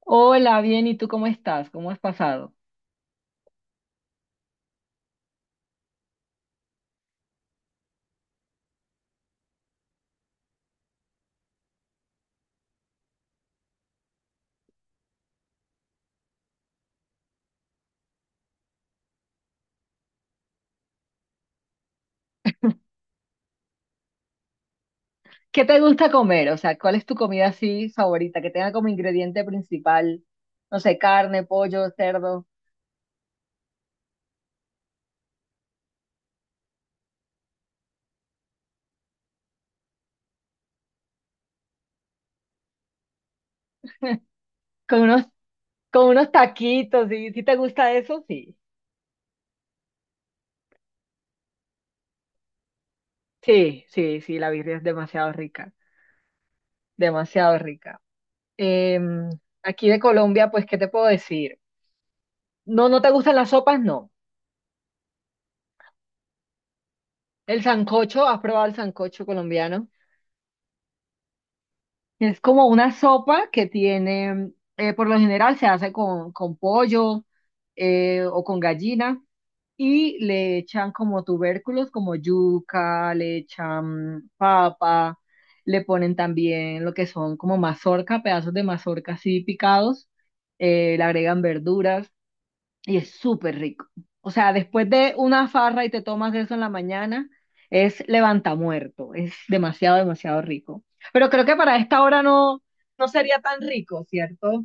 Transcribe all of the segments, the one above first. Hola, bien, ¿y tú cómo estás? ¿Cómo has pasado? ¿Qué te gusta comer? O sea, ¿cuál es tu comida así favorita que tenga como ingrediente principal, no sé, carne, pollo, cerdo, con unos, con unos taquitos, ¿sí? ¿Sí te gusta eso? Sí, sí, sí, sí, la birria es demasiado rica, demasiado rica. Em, Aquí de Colombia, pues, ¿qué te puedo decir? No, ¿no te gustan las sopas? No. ¿El sancocho? ¿Has probado el sancocho colombiano? Es como una sopa que tiene, por lo general se hace con pollo o con gallina y le echan como tubérculos como yuca, le echan papa, le ponen también lo que son como mazorca, pedazos de mazorca así picados, le agregan verduras. Y es súper rico. O sea, después de una farra y te tomas eso en la mañana, es levantamuerto. Es demasiado, demasiado rico. Pero creo que para esta hora no, no sería tan rico, ¿cierto?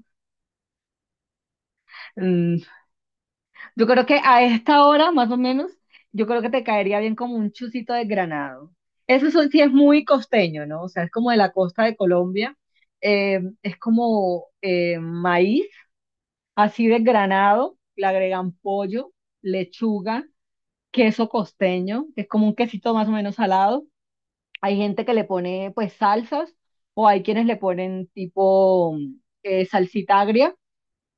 Mm, yo creo que a esta hora, más o menos, yo creo que te caería bien como un chucito de granado. Sí es muy costeño, ¿no? O sea, es como de la costa de Colombia. Es como maíz, así de granado, le agregan pollo, lechuga, queso costeño, que es como un quesito más o menos salado. Hay gente que le pone pues salsas o hay quienes le ponen tipo salsita agria,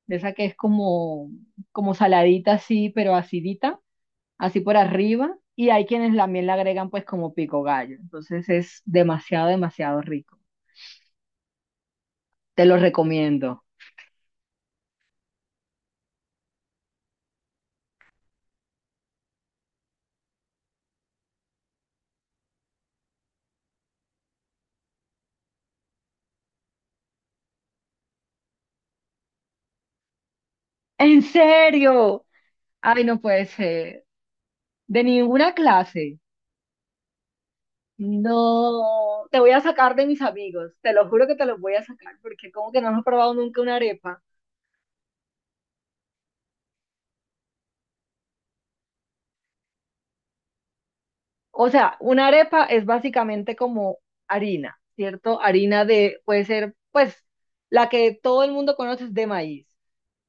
de esa que es como, como saladita así, pero acidita, así por arriba. Y hay quienes también le agregan pues como pico gallo. Entonces es demasiado, demasiado rico. Te lo recomiendo. ¿En serio? Ay, no puede ser. De ninguna clase. No, te voy a sacar de mis amigos, te lo juro que te los voy a sacar, porque como que no hemos probado nunca una arepa. O sea, una arepa es básicamente como harina, ¿cierto? Harina de, puede ser, pues, la que todo el mundo conoce es de maíz.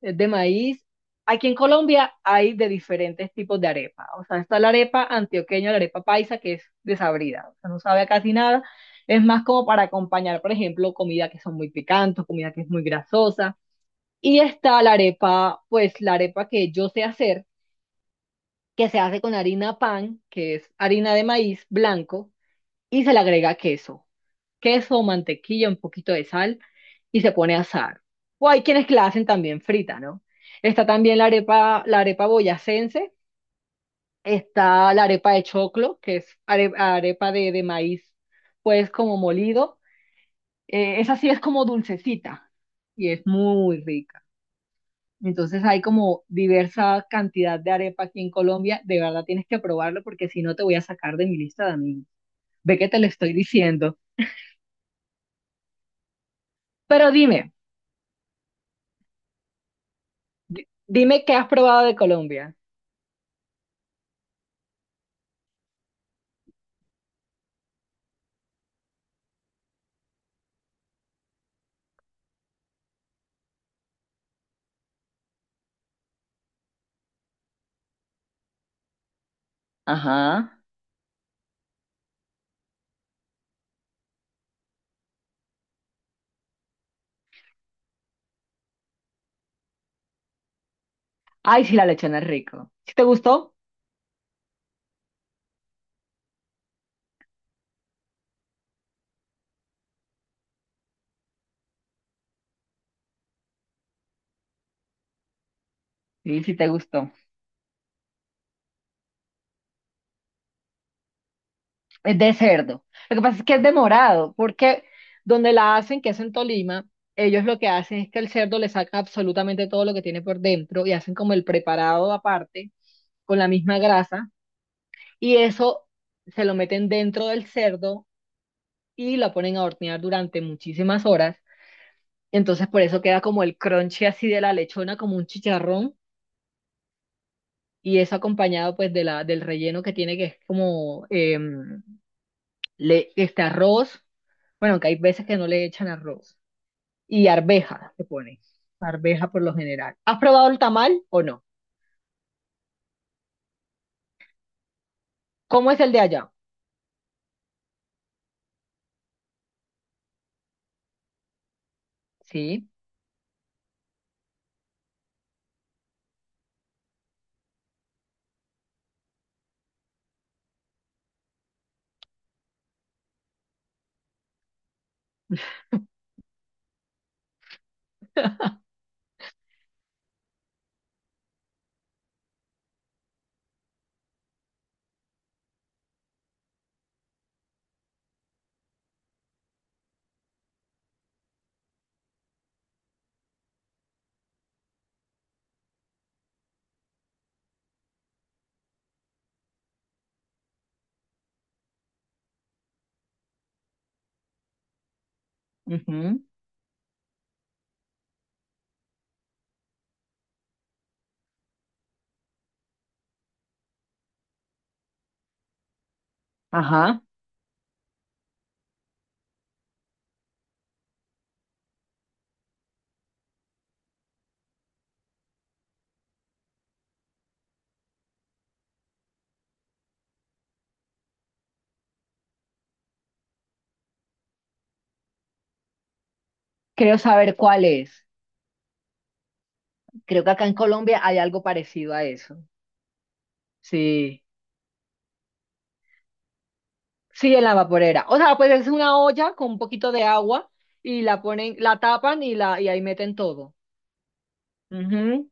Es de maíz. Aquí en Colombia hay de diferentes tipos de arepa. O sea, está la arepa antioqueña, la arepa paisa, que es desabrida, o sea, no sabe a casi nada. Es más como para acompañar, por ejemplo, comida que son muy picantes, comida que es muy grasosa. Y está la arepa, pues la arepa que yo sé hacer, que se hace con harina pan, que es harina de maíz blanco, y se le agrega queso, queso, mantequilla, un poquito de sal, y se pone a asar. O hay quienes que la hacen también frita, ¿no? Está también la arepa boyacense, está la arepa de choclo, que arepa de maíz, pues como molido. Esa sí es como dulcecita, y es muy rica. Entonces hay como diversa cantidad de arepa aquí en Colombia. De verdad tienes que probarlo porque si no te voy a sacar de mi lista de amigos. Ve que te lo estoy diciendo. Pero dime, dime qué has probado de Colombia. Ajá. Ay, sí, la lechona es rico. ¿Sí te gustó? Sí, sí te gustó. Es de cerdo. Lo que pasa es que es de morado, porque donde la hacen, que es en Tolima, ellos lo que hacen es que el cerdo le saca absolutamente todo lo que tiene por dentro y hacen como el preparado aparte con la misma grasa. Y eso se lo meten dentro del cerdo y la ponen a hornear durante muchísimas horas. Entonces por eso queda como el crunchy así de la lechona, como un chicharrón. Y eso acompañado pues de la, del relleno que tiene, que es como le, este arroz. Bueno, que hay veces que no le echan arroz. Y arveja se pone. Arveja por lo general. ¿Has probado el tamal o no? ¿Cómo es el de allá? Sí. Ujú. Ajá. Creo saber cuál es. Creo que acá en Colombia hay algo parecido a eso. Sí, sí, en la vaporera. O sea, pues es una olla con un poquito de agua y la ponen, la tapan y la y ahí meten todo. Ujú.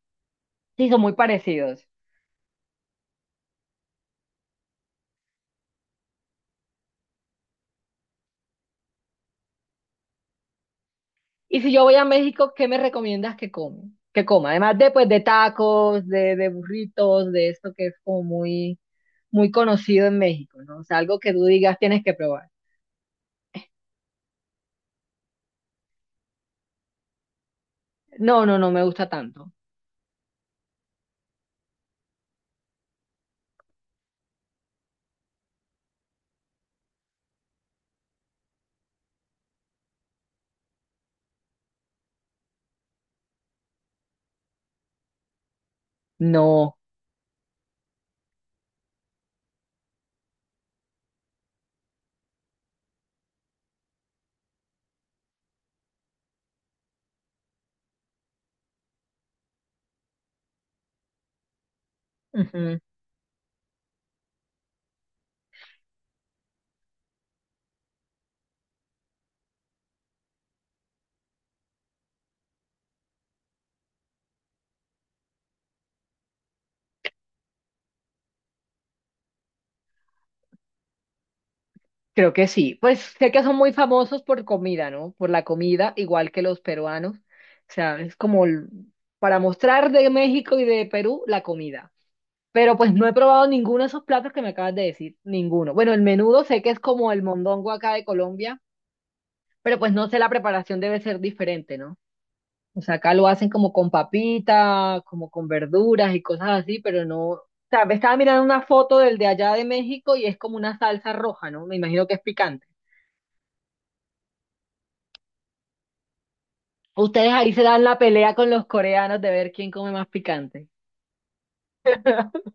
Sí, son muy parecidos. Y si yo voy a México, ¿qué me recomiendas que come? Que coma, además de pues de tacos, de burritos, de esto que es como muy muy conocido en México, ¿no? O sea, algo que tú digas tienes que probar. No, no, no me gusta tanto. No. Ujú. Creo que sí. Pues sé que son muy famosos por comida, ¿no? Por la comida, igual que los peruanos. O sea, para mostrar de México y de Perú la comida. Pero pues no he probado ninguno de esos platos que me acabas de decir, ninguno. Bueno, el menudo sé que es como el mondongo acá de Colombia, pero pues no sé, la preparación debe ser diferente, ¿no? O sea, acá lo hacen como con papita, como con verduras y cosas así, pero no. O sea, me estaba mirando una foto del de allá de México y es como una salsa roja, ¿no? Me imagino que es picante. Ustedes ahí se dan la pelea con los coreanos de ver quién come más picante.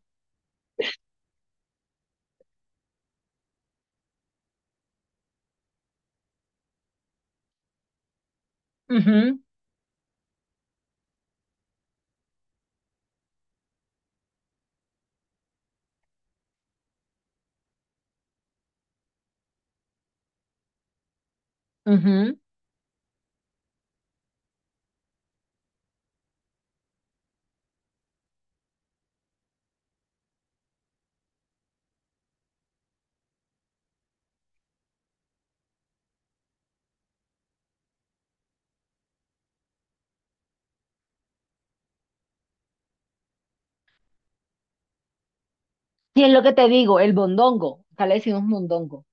Ujú, ujú. Sí, es lo que te digo, el mondongo. Acá le decimos mondongo.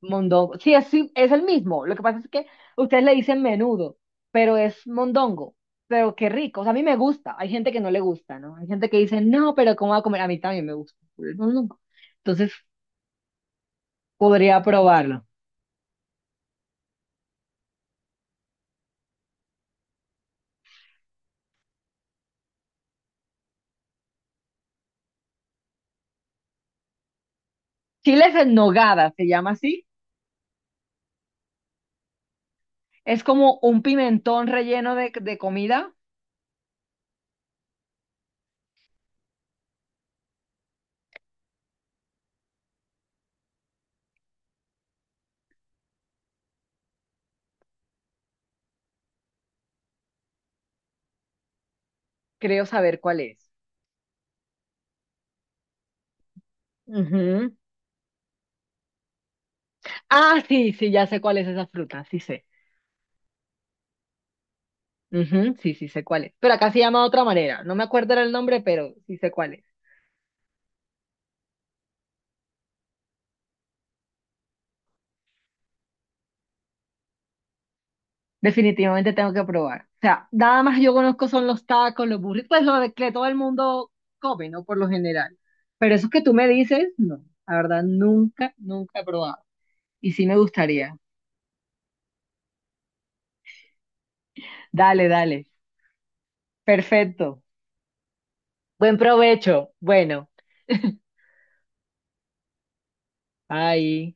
Mondongo. Sí, es el mismo. Lo que pasa es que ustedes le dicen menudo, pero es mondongo. Pero qué rico. O sea, a mí me gusta. Hay gente que no le gusta, ¿no? Hay gente que dice, no, pero ¿cómo va a comer? A mí también me gusta el mondongo. Entonces, podría probarlo. Chiles en nogada, se llama así. Es como un pimentón relleno de comida. Creo saber cuál es. Ujú. Ah, sí, sí, ya sé cuál es esa fruta, sí sé. Ujú, sí, sí sé cuál es. Pero acá se llama de otra manera. No me acuerdo ahora el nombre, pero sí sé cuál es. Definitivamente tengo que probar. O sea, nada más yo conozco son los tacos, los burritos, pues lo de que todo el mundo come, ¿no? Por lo general. Pero eso que tú me dices, no. La verdad, nunca, nunca he probado. Y sí me gustaría. Dale, dale. Perfecto. Buen provecho. Bueno, bye.